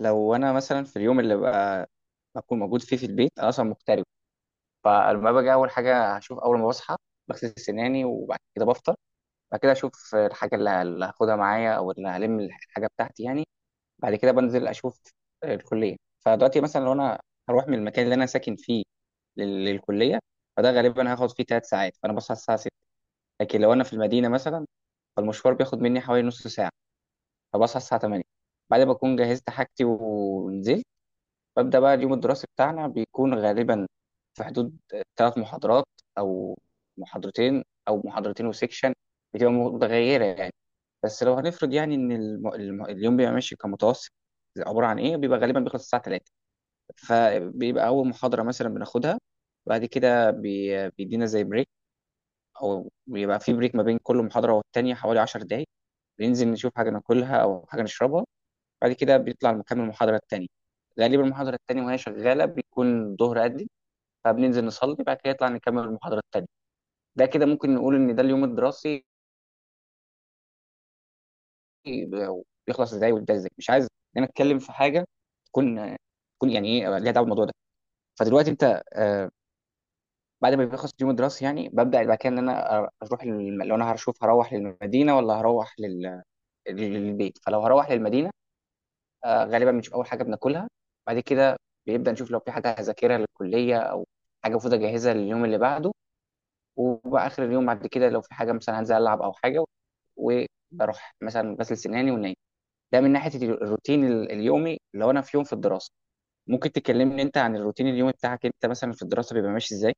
لو انا مثلا في اليوم اللي بقى بكون موجود فيه في البيت، انا اصلا مغترب. فلما باجي اول حاجه هشوف اول ما بصحى، بغسل سناني وبعد كده بفطر. بعد كده اشوف الحاجه اللي هاخدها معايا او اللي هلم الحاجه بتاعتي يعني. بعد كده بنزل اشوف الكليه. فدلوقتي مثلا لو انا هروح من المكان اللي انا ساكن فيه للكليه، فده غالبا هاخد فيه 3 ساعات، فانا بصحى الساعه 6. لكن لو انا في المدينه مثلا، فالمشوار بياخد مني حوالي نص ساعه، فبصحى الساعه 8 بعد ما اكون جهزت حاجتي ونزلت. ببدأ بقى اليوم الدراسي بتاعنا، بيكون غالبا في حدود 3 محاضرات، أو محاضرتين، أو محاضرتين وسيكشن، بتبقى متغيرة يعني. بس لو هنفرض يعني إن اليوم بيبقى ماشي كمتوسط عبارة عن إيه، بيبقى غالبا بيخلص الساعة 3. فبيبقى أول محاضرة مثلا بناخدها، بعد كده بيدينا زي بريك، أو بيبقى في بريك ما بين كل محاضرة والتانية حوالي 10 دقايق، بننزل نشوف حاجة ناكلها أو حاجة نشربها. بعد كده بيطلع المحامي المحاضرة التانية. غالبا المحاضرة التانية وهي شغالة بيكون الظهر أذن، فبننزل نصلي، بعد كده يطلع نكمل المحاضرة التانية. ده كده ممكن نقول إن ده اليوم الدراسي بيخلص إزاي ويبدأ إزاي. مش عايز إن أنا أتكلم في حاجة تكون تكون يعني إيه ليها دعوة بالموضوع ده. فدلوقتي أنت، بعد ما بيخلص اليوم الدراسي يعني ببدأ بعد كده إن أنا أروح لو أنا هروح للمدينة ولا هروح للبيت. فلو هروح للمدينة، غالبا بنشوف اول حاجه بناكلها. بعد كده بيبدا نشوف لو في حاجه هذاكرها للكليه او حاجه المفروض اجهزها لليوم اللي بعده. وبقى اخر اليوم بعد كده لو في حاجه مثلا هنزل العب او حاجه، وبروح مثلا غسل سناني ونايم. ده من ناحيه الروتين اليومي لو انا في يوم في الدراسه. ممكن تكلمني انت عن الروتين اليومي بتاعك انت مثلا في الدراسه بيبقى ماشي ازاي؟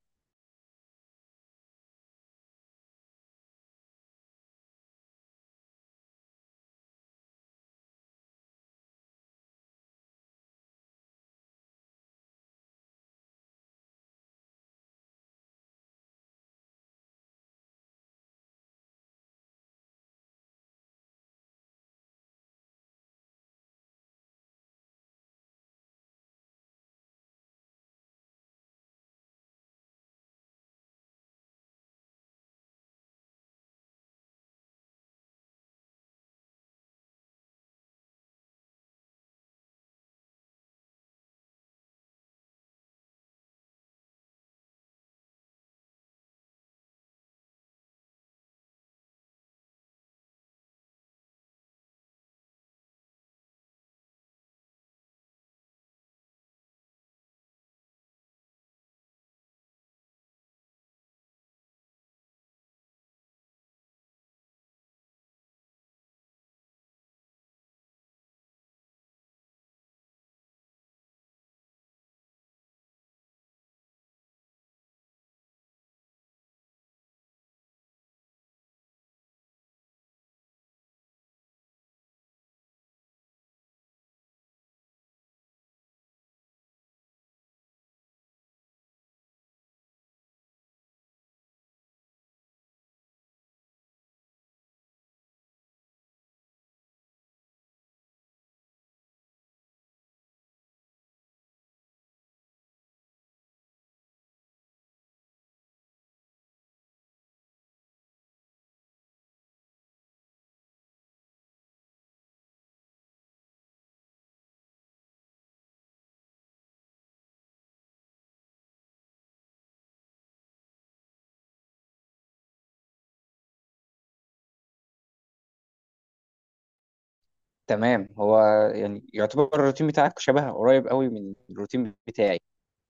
تمام. هو يعني يعتبر الروتين بتاعك شبه قريب قوي من الروتين بتاعي،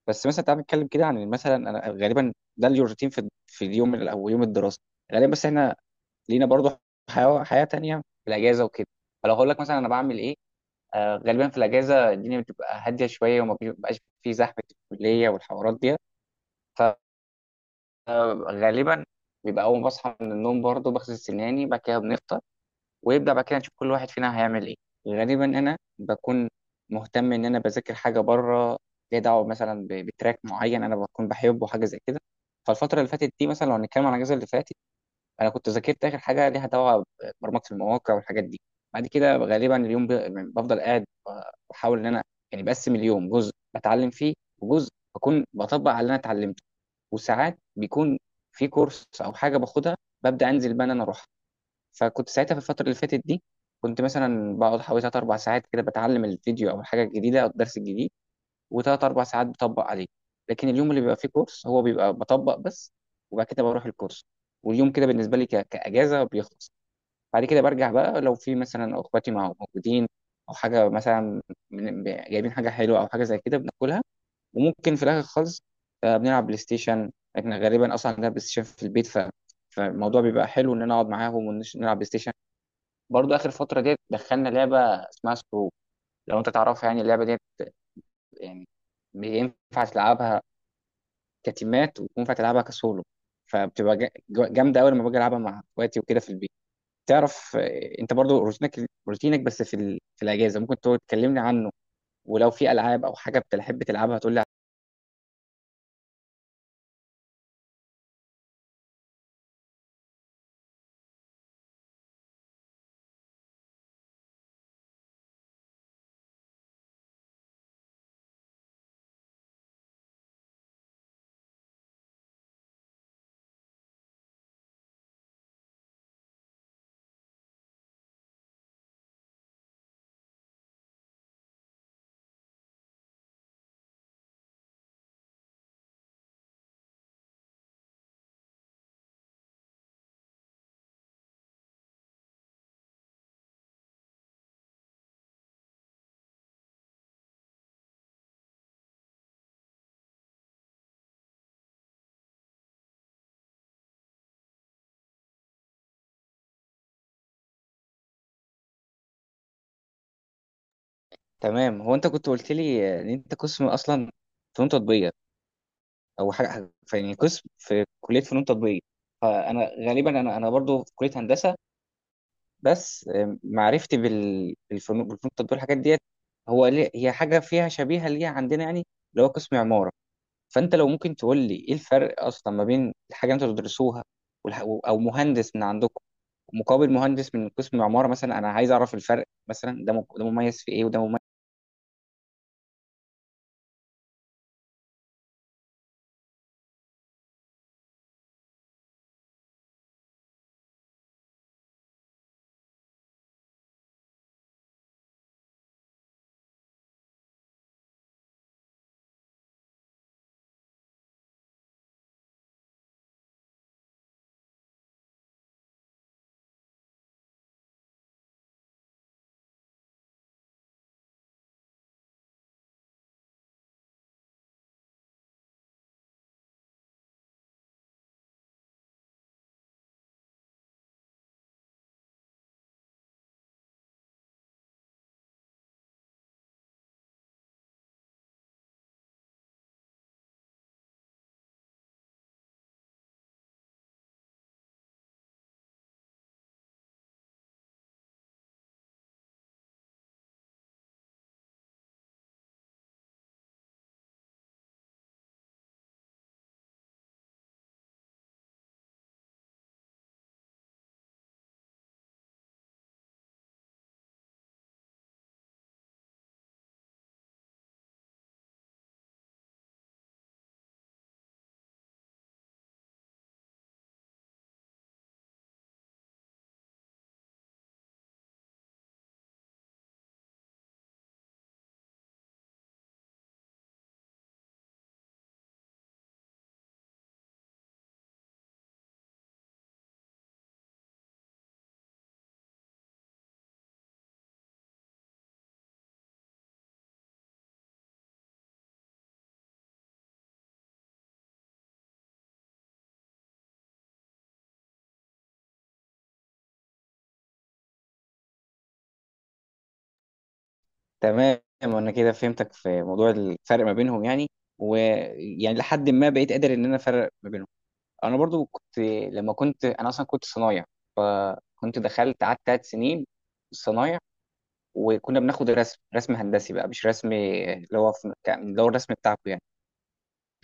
بس مثلا تعال نتكلم كده عن مثلا انا غالبا ده اليوم روتين في اليوم او يوم الدراسه غالبا. بس احنا لينا برضو حياه تانية في الاجازه وكده. فلو هقول لك مثلا انا بعمل ايه، غالبا في الاجازه الدنيا بتبقى هاديه شويه وما بيبقاش في زحمه الكليه والحوارات دي. فغالبا بيبقى اول ما بصحى من النوم برضو بغسل سناني، بعد كده بنفطر، ويبدأ بعد كده نشوف كل واحد فينا هيعمل ايه. غالبا انا بكون مهتم ان انا بذاكر حاجه بره ليها دعوه، مثلا بتراك معين انا بكون بحبه، حاجه زي كده. فالفتره اللي فاتت دي مثلا لو هنتكلم عن الاجازه اللي فاتت، انا كنت ذاكرت اخر حاجه ليها دعوه ببرمجه المواقع والحاجات دي. بعد كده غالبا اليوم يعني بفضل قاعد، بحاول ان انا يعني بقسم اليوم، جزء بتعلم فيه وجزء بكون بطبق على اللي انا اتعلمته. وساعات بيكون في كورس او حاجه باخدها، ببدا انزل بقى إن انا اروح. فكنت ساعتها في الفترة اللي فاتت دي كنت مثلا بقعد حوالي تلات أربع ساعات كده بتعلم الفيديو أو الحاجة الجديدة أو الدرس الجديد، وتلات أربع ساعات بطبق عليه. لكن اليوم اللي بيبقى فيه كورس هو بيبقى بطبق بس، وبعد كده بروح الكورس. واليوم كده بالنسبة لي كأجازة بيخلص. بعد كده برجع بقى لو في مثلا أخواتي مع موجودين أو حاجة مثلا، جايبين حاجة حلوة أو حاجة زي كده بناكلها. وممكن في الآخر خالص، بنلعب بلاي ستيشن. احنا غالبا أصلا عندنا بلاي ستيشن في البيت. فالموضوع بيبقى حلو إن أنا أقعد معاهم ونلعب بلاي ستيشن. برضو اخر فتره ديت دخلنا لعبه اسمها سكرو، لو انت تعرفها يعني اللعبه ديت، يعني ينفع تلعبها كتيمات وينفع تلعبها كسولو. فبتبقى جامده قوي لما باجي العبها مع اخواتي وكده في البيت. تعرف، انت برضو روتينك بس في في الاجازه ممكن تقعد تكلمني عنه، ولو في العاب او حاجه بتحب تلعبها تقول لي. تمام. هو انت كنت قلت لي، ان انت قسم اصلا فنون تطبيقيه، او حاجه يعني قسم في كليه فنون تطبيقيه. فانا غالبا انا برضو في كليه هندسه، بس معرفتي بالفنون التطبيقية الحاجات ديت، هو ليه هي حاجة فيها شبيهة ليها عندنا يعني اللي هو قسم عمارة. فأنت لو ممكن تقول لي إيه الفرق أصلا ما بين الحاجة اللي أنتوا بتدرسوها والح- أو مهندس من عندكم مقابل مهندس من قسم عمارة مثلا، أنا عايز أعرف الفرق، مثلا ده ده مميز في إيه وده مميز. تمام أنا كده فهمتك في موضوع الفرق ما بينهم يعني، ويعني لحد ما بقيت قادر إن أنا أفرق ما بينهم. انا برضو لما كنت انا اصلا كنت صنايع، فكنت دخلت قعدت 3 سنين صنايع، وكنا بناخد رسم هندسي بقى، مش رسم اللي هو اللي هو الرسم بتاعكم يعني.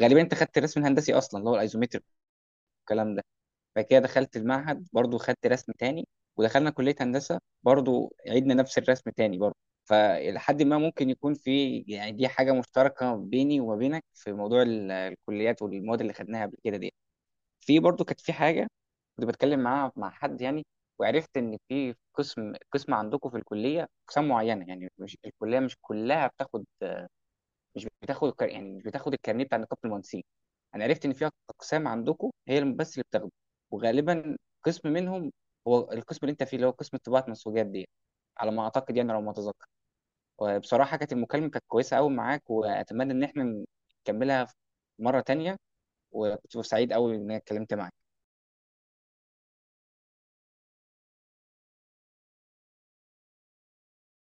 غالبا انت خدت الرسم الهندسي اصلا اللي هو الايزومتر والكلام ده. بعد كده دخلت المعهد برضو خدت رسم تاني، ودخلنا كلية هندسة برضو عيدنا نفس الرسم تاني برضو. فلحد ما ممكن يكون في يعني دي حاجة مشتركة بيني وما بينك في موضوع الكليات والمواد اللي خدناها قبل كده دي. في برضو كانت في حاجه كنت بتكلم معاها مع حد يعني، وعرفت ان في قسم عندكم في الكليه اقسام معينه، يعني مش الكليه مش كلها بتاخد، مش بتاخد يعني مش بتاخد الكارنيه بتاع نقابه المهندسين. انا عرفت ان في اقسام عندكم هي بس اللي بتاخده، وغالبا قسم منهم هو القسم اللي انت فيه اللي هو قسم طباعه منسوجات دي، على ما اعتقد يعني لو ما اتذكر. وبصراحه المكالمه كانت كويسه قوي معاك، واتمنى ان احنا نكملها مره تانية، وكنت سعيد قوي ان انا اتكلمت معاك.